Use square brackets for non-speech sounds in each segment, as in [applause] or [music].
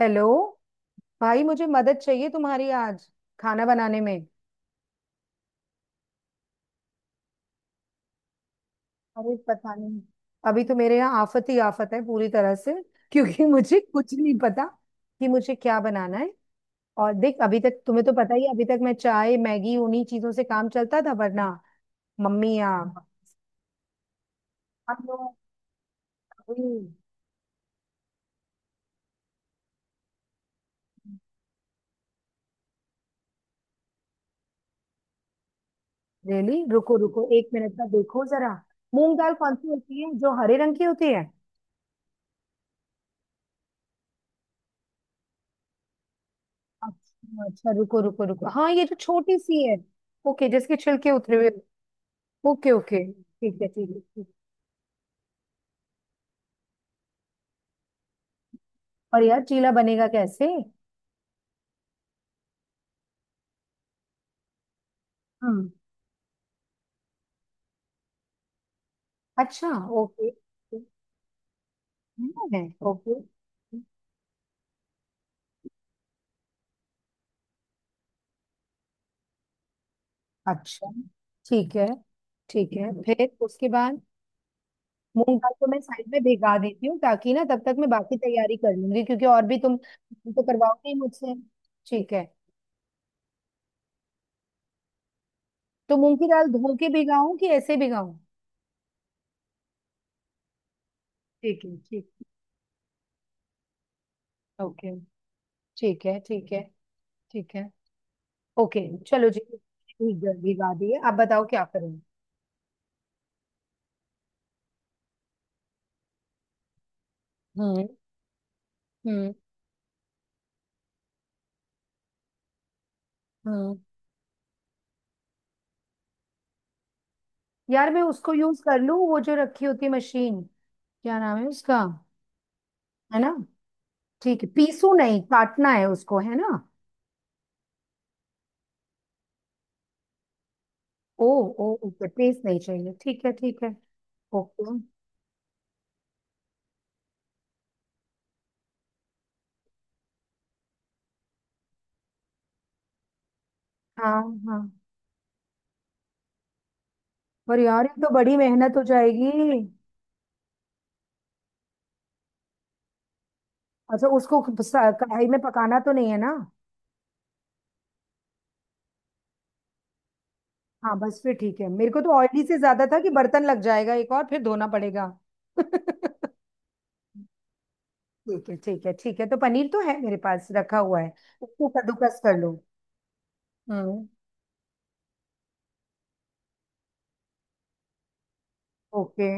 Hello भाई, मुझे मदद चाहिए तुम्हारी आज खाना बनाने में। अरे पता नहीं, अभी तो मेरे यहाँ आफत ही आफत है पूरी तरह से, क्योंकि [laughs] मुझे कुछ नहीं पता कि मुझे क्या बनाना है। और देख, अभी तक तुम्हें तो पता ही है, अभी तक मैं चाय मैगी उन्हीं चीजों से काम चलता था, वरना मम्मी या हम लोग। अभी- रेली, रुको रुको एक मिनट का देखो जरा। मूंग दाल कौन सी होती है, जो हरे रंग की होती है? अच्छा अच्छा, रुको रुको रुको, हाँ ये जो छोटी सी है। ओके, जिसके छिलके उतरे हुए। ओके ओके, ठीक है ठीक है ठीक। और यार चीला बनेगा कैसे? हम्म। अच्छा। ओके। है। ओके। अच्छा। ठीक है ठीक है, फिर उसके बाद मूंग दाल को मैं साइड में भिगा देती हूँ, ताकि ना तब तक मैं बाकी तैयारी कर लूंगी, क्योंकि और भी तुम तो करवाओगे ही मुझसे। ठीक है, तो मूंग की दाल धो के भिगाऊं कि ऐसे भिगाऊं? ठीक है ठीक। ओके। ठीक है ठीक है ठीक है। ओके। चलो जी। ठीक है, भिगा दिए, आप बताओ क्या करूँ। हम्म हम्म। यार मैं उसको यूज कर लूं, वो जो रखी होती है मशीन, क्या नाम है उसका? है ना? ठीक है, पीसू नहीं, काटना है उसको, है ना? ओ। ओ ओके, पेस्ट नहीं चाहिए, ठीक है ठीक है। ओके। हाँ हाँ। पर यार ये तो बड़ी मेहनत हो जाएगी। अच्छा, उसको कढ़ाई में पकाना तो नहीं है ना? हाँ बस फिर ठीक है, मेरे को तो ऑयली से ज्यादा था कि बर्तन लग जाएगा एक और फिर धोना पड़ेगा। [laughs] ठीक है ठीक है ठीक है, तो पनीर तो है मेरे पास रखा हुआ है। उसको कद्दूकस कर लो। हम्म। ओके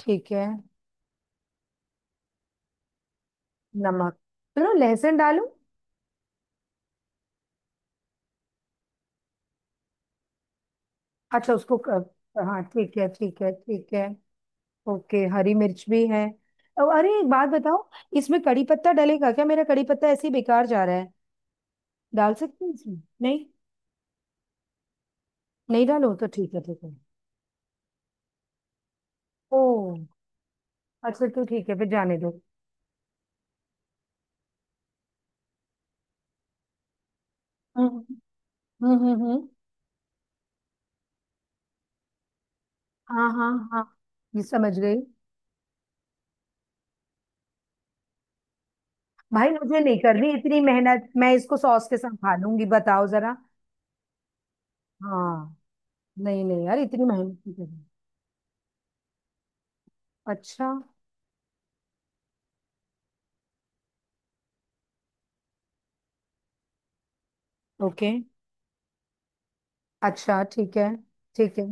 ठीक है। नमक? चलो लहसुन डालो। अच्छा, उसको हाँ ठीक है ठीक है ठीक है। ओके, हरी मिर्च भी है। अब अरे एक बात बताओ, इसमें कड़ी पत्ता डलेगा क्या? मेरा कड़ी पत्ता ऐसे ही बेकार जा रहा है। डाल सकते हैं इसमें? नहीं, नहीं डालो तो ठीक है ठीक है। ओ अच्छा, तो ठीक है फिर, जाने दो। हम्म हम्म। हम्म। हाँ हाँ हाँ, ये समझ गई। भाई मुझे नहीं करनी इतनी मेहनत, मैं इसको सॉस के साथ खा लूंगी, बताओ जरा। हाँ। नहीं नहीं यार, इतनी महंगी क्यों है? अच्छा। ओके। अच्छा ठीक है। ठीक है।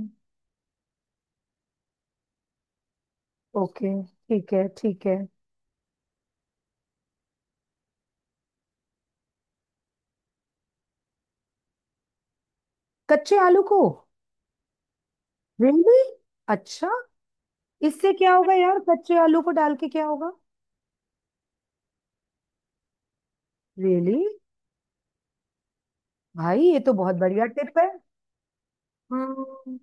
ओके। ठीक है ठीक है। कच्चे आलू को? रियली। अच्छा। इससे क्या होगा यार, कच्चे आलू को डाल के क्या होगा? रियली? भाई ये तो बहुत बढ़िया टिप है। हम्म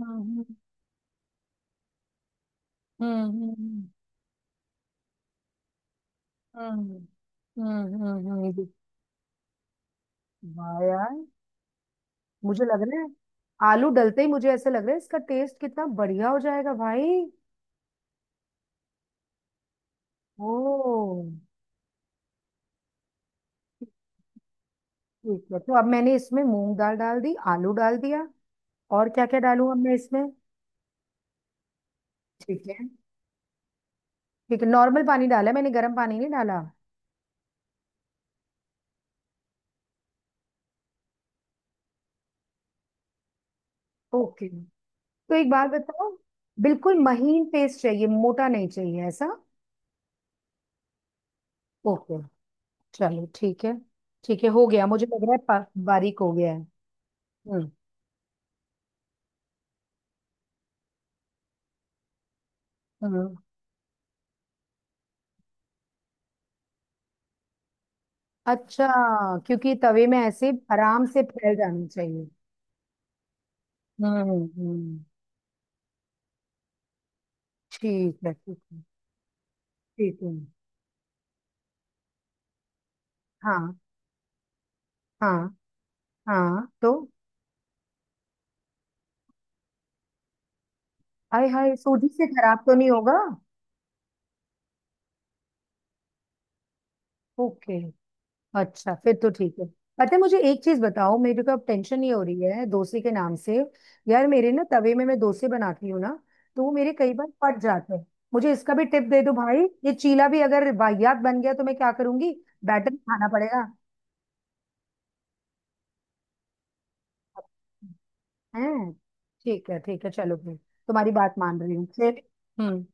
हम्म। हम्म। हम्म। हम्म हम्म, हम्म, वाह यार। मुझे लग रहा है, आलू डलते ही मुझे ऐसे लग रहा है इसका टेस्ट कितना बढ़िया हो जाएगा भाई। ओ। ठीक है, तो अब मैंने इसमें मूंग दाल डाल दी, आलू डाल दिया, और क्या क्या डालूं अब मैं इसमें? ठीक है ठीक है, नॉर्मल पानी डाला है मैंने, गर्म पानी नहीं डाला। ओके। तो एक बात बताओ, बिल्कुल महीन पेस्ट चाहिए, मोटा नहीं चाहिए ऐसा? ओके, चलो ठीक है। ठीक है हो गया, मुझे लग रहा है बारीक हो गया है। हम्म। हम्म। अच्छा। क्योंकि तवे में ऐसे आराम से फैल जाना चाहिए। हम्म, ठीक है ठीक है ठीक है। हाँ हाँ। हाँ तो, हाय हाय, सूजी से खराब तो नहीं होगा? ओके। अच्छा फिर तो ठीक है। पता है, मुझे एक चीज बताओ, मेरे को अब टेंशन नहीं हो रही है डोसे के नाम से। यार मेरे ना तवे में मैं डोसे बनाती हूँ ना, तो वो मेरे कई बार फट जाते हैं, मुझे इसका भी टिप दे दो भाई। ये चीला भी अगर वाहियात बन गया तो मैं क्या करूंगी? बैटर खाना पड़ेगा। हैं? ठीक है ठीक है, चलो फिर, तुम्हारी बात मान रही हूँ फिर। हम्म।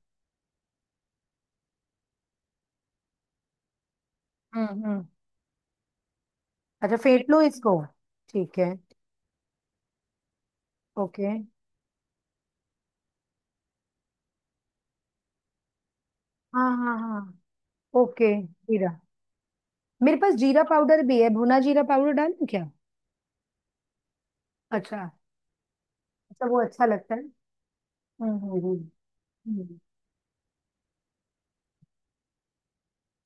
हम्म। अच्छा फेंट लो इसको। ठीक है। ओके। हाँ हाँ हाँ, ओके जीरा। मेरे पास जीरा पाउडर भी है, भुना जीरा पाउडर डालूं क्या? अच्छा। अच्छा, वो अच्छा लगता है। हम्म। हम्म,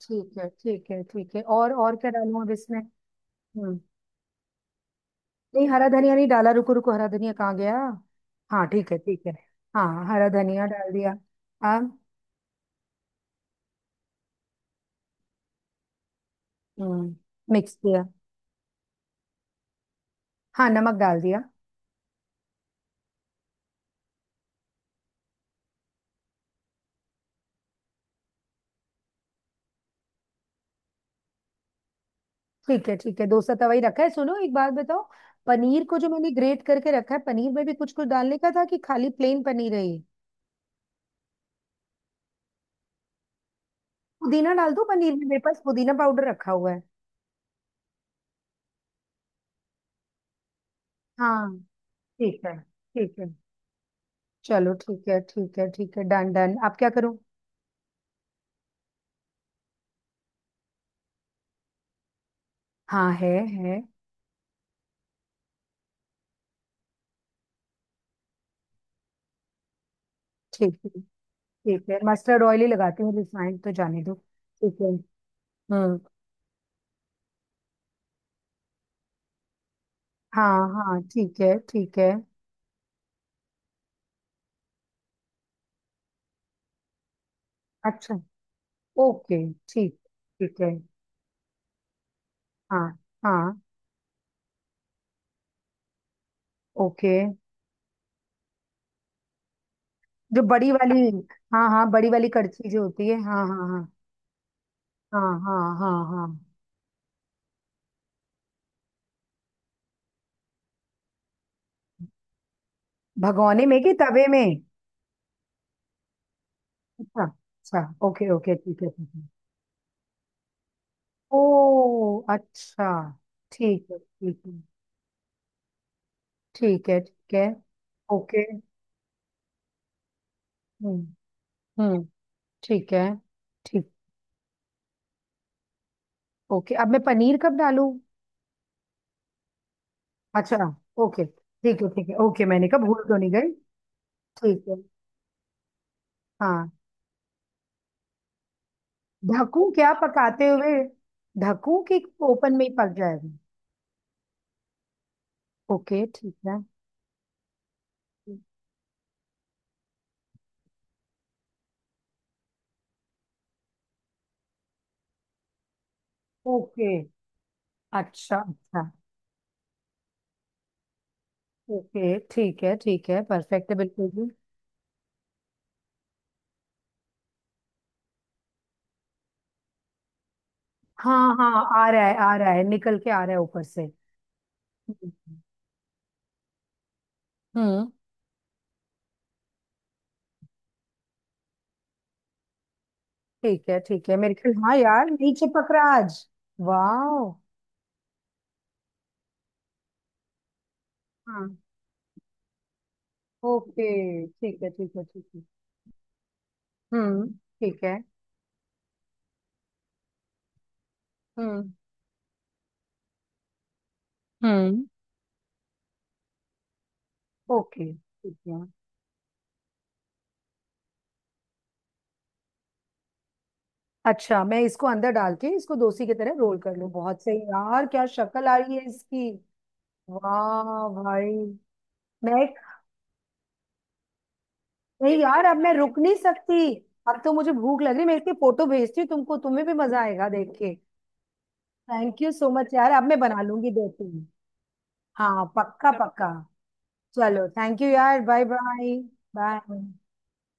ठीक है ठीक है ठीक है, और क्या डालूं अब इसमें? हम्म। नहीं, हरा धनिया नहीं डाला, रुको रुको, हरा धनिया कहाँ गया? हाँ ठीक है ठीक है। हाँ हरा धनिया डाल दिया। अब। हम्म। मिक्स किया। हाँ, नमक डाल दिया। ठीक है ठीक है, डोसा तवा ही रखा है। सुनो एक बात बताओ, पनीर को जो मैंने ग्रेट करके रखा है, पनीर में भी कुछ कुछ डालने का था कि खाली प्लेन पनीर है ये? पुदीना डाल दो पनीर में, मेरे पास पुदीना पाउडर रखा हुआ है। हाँ। ठीक है ठीक है। चलो ठीक है ठीक है ठीक है, डन डन, अब क्या करूँ? हाँ है, है। ठीक है ठीक है, मस्टर्ड ऑयल ही लगाती हूँ, रिफाइंड तो जाने दो। ठीक है। हम्म। हाँ हाँ ठीक है ठीक है। अच्छा। ओके। ठीक। ठीक है। हाँ। हाँ। ओके। जो बड़ी वाली? हाँ हाँ, बड़ी वाली कड़छी जो होती है, हाँ हाँ हाँ हाँ हाँ हाँ हाँ। भगोने में कि तवे में? अच्छा अच्छा, ओके ओके, ठीक है ठीक है। ओ अच्छा, ठीक है ठीक है। ठीक है ठीक है। ओके। हम्म हम्म, ठीक है ठीक। ओके, अब मैं पनीर कब डालूं? अच्छा। ओके ठीक है ठीक है, ओके, मैंने कहा भूल तो नहीं गई। ठीक है। हाँ। ढकूं क्या पकाते हुए? ढकूं कि ओपन में ही पक जाएगा? ओके ठीक है। ओके। अच्छा अच्छा। ओके ठीक है ठीक है, परफेक्ट है बिल्कुल भी। हाँ हाँ, आ रहा है आ रहा है, निकल के आ रहा है ऊपर से। हम्म। ठीक है ठीक है, मेरे ख्याल, हाँ यार नहीं चिपक रहा आज। वाओ। हाँ। ओके ठीक है ठीक है ठीक है। हम्म। ठीक है। हम्म। हम्म। ओके ठीक है। अच्छा, मैं इसको अंदर डाल के इसको डोसी की तरह रोल कर लूं? बहुत सही यार, क्या शक्ल आ रही है इसकी। वाह भाई। मैं। नहीं यार, अब मैं रुक नहीं सकती, अब तो मुझे भूख लग रही है। मैं इसकी फोटो भेजती हूँ तुमको, तुम्हें भी मजा आएगा देख के। थैंक यू सो मच यार, अब मैं बना लूंगी दो तीन। हाँ पक्का पक्का। चलो थैंक यू यार, बाय बाय। बाय।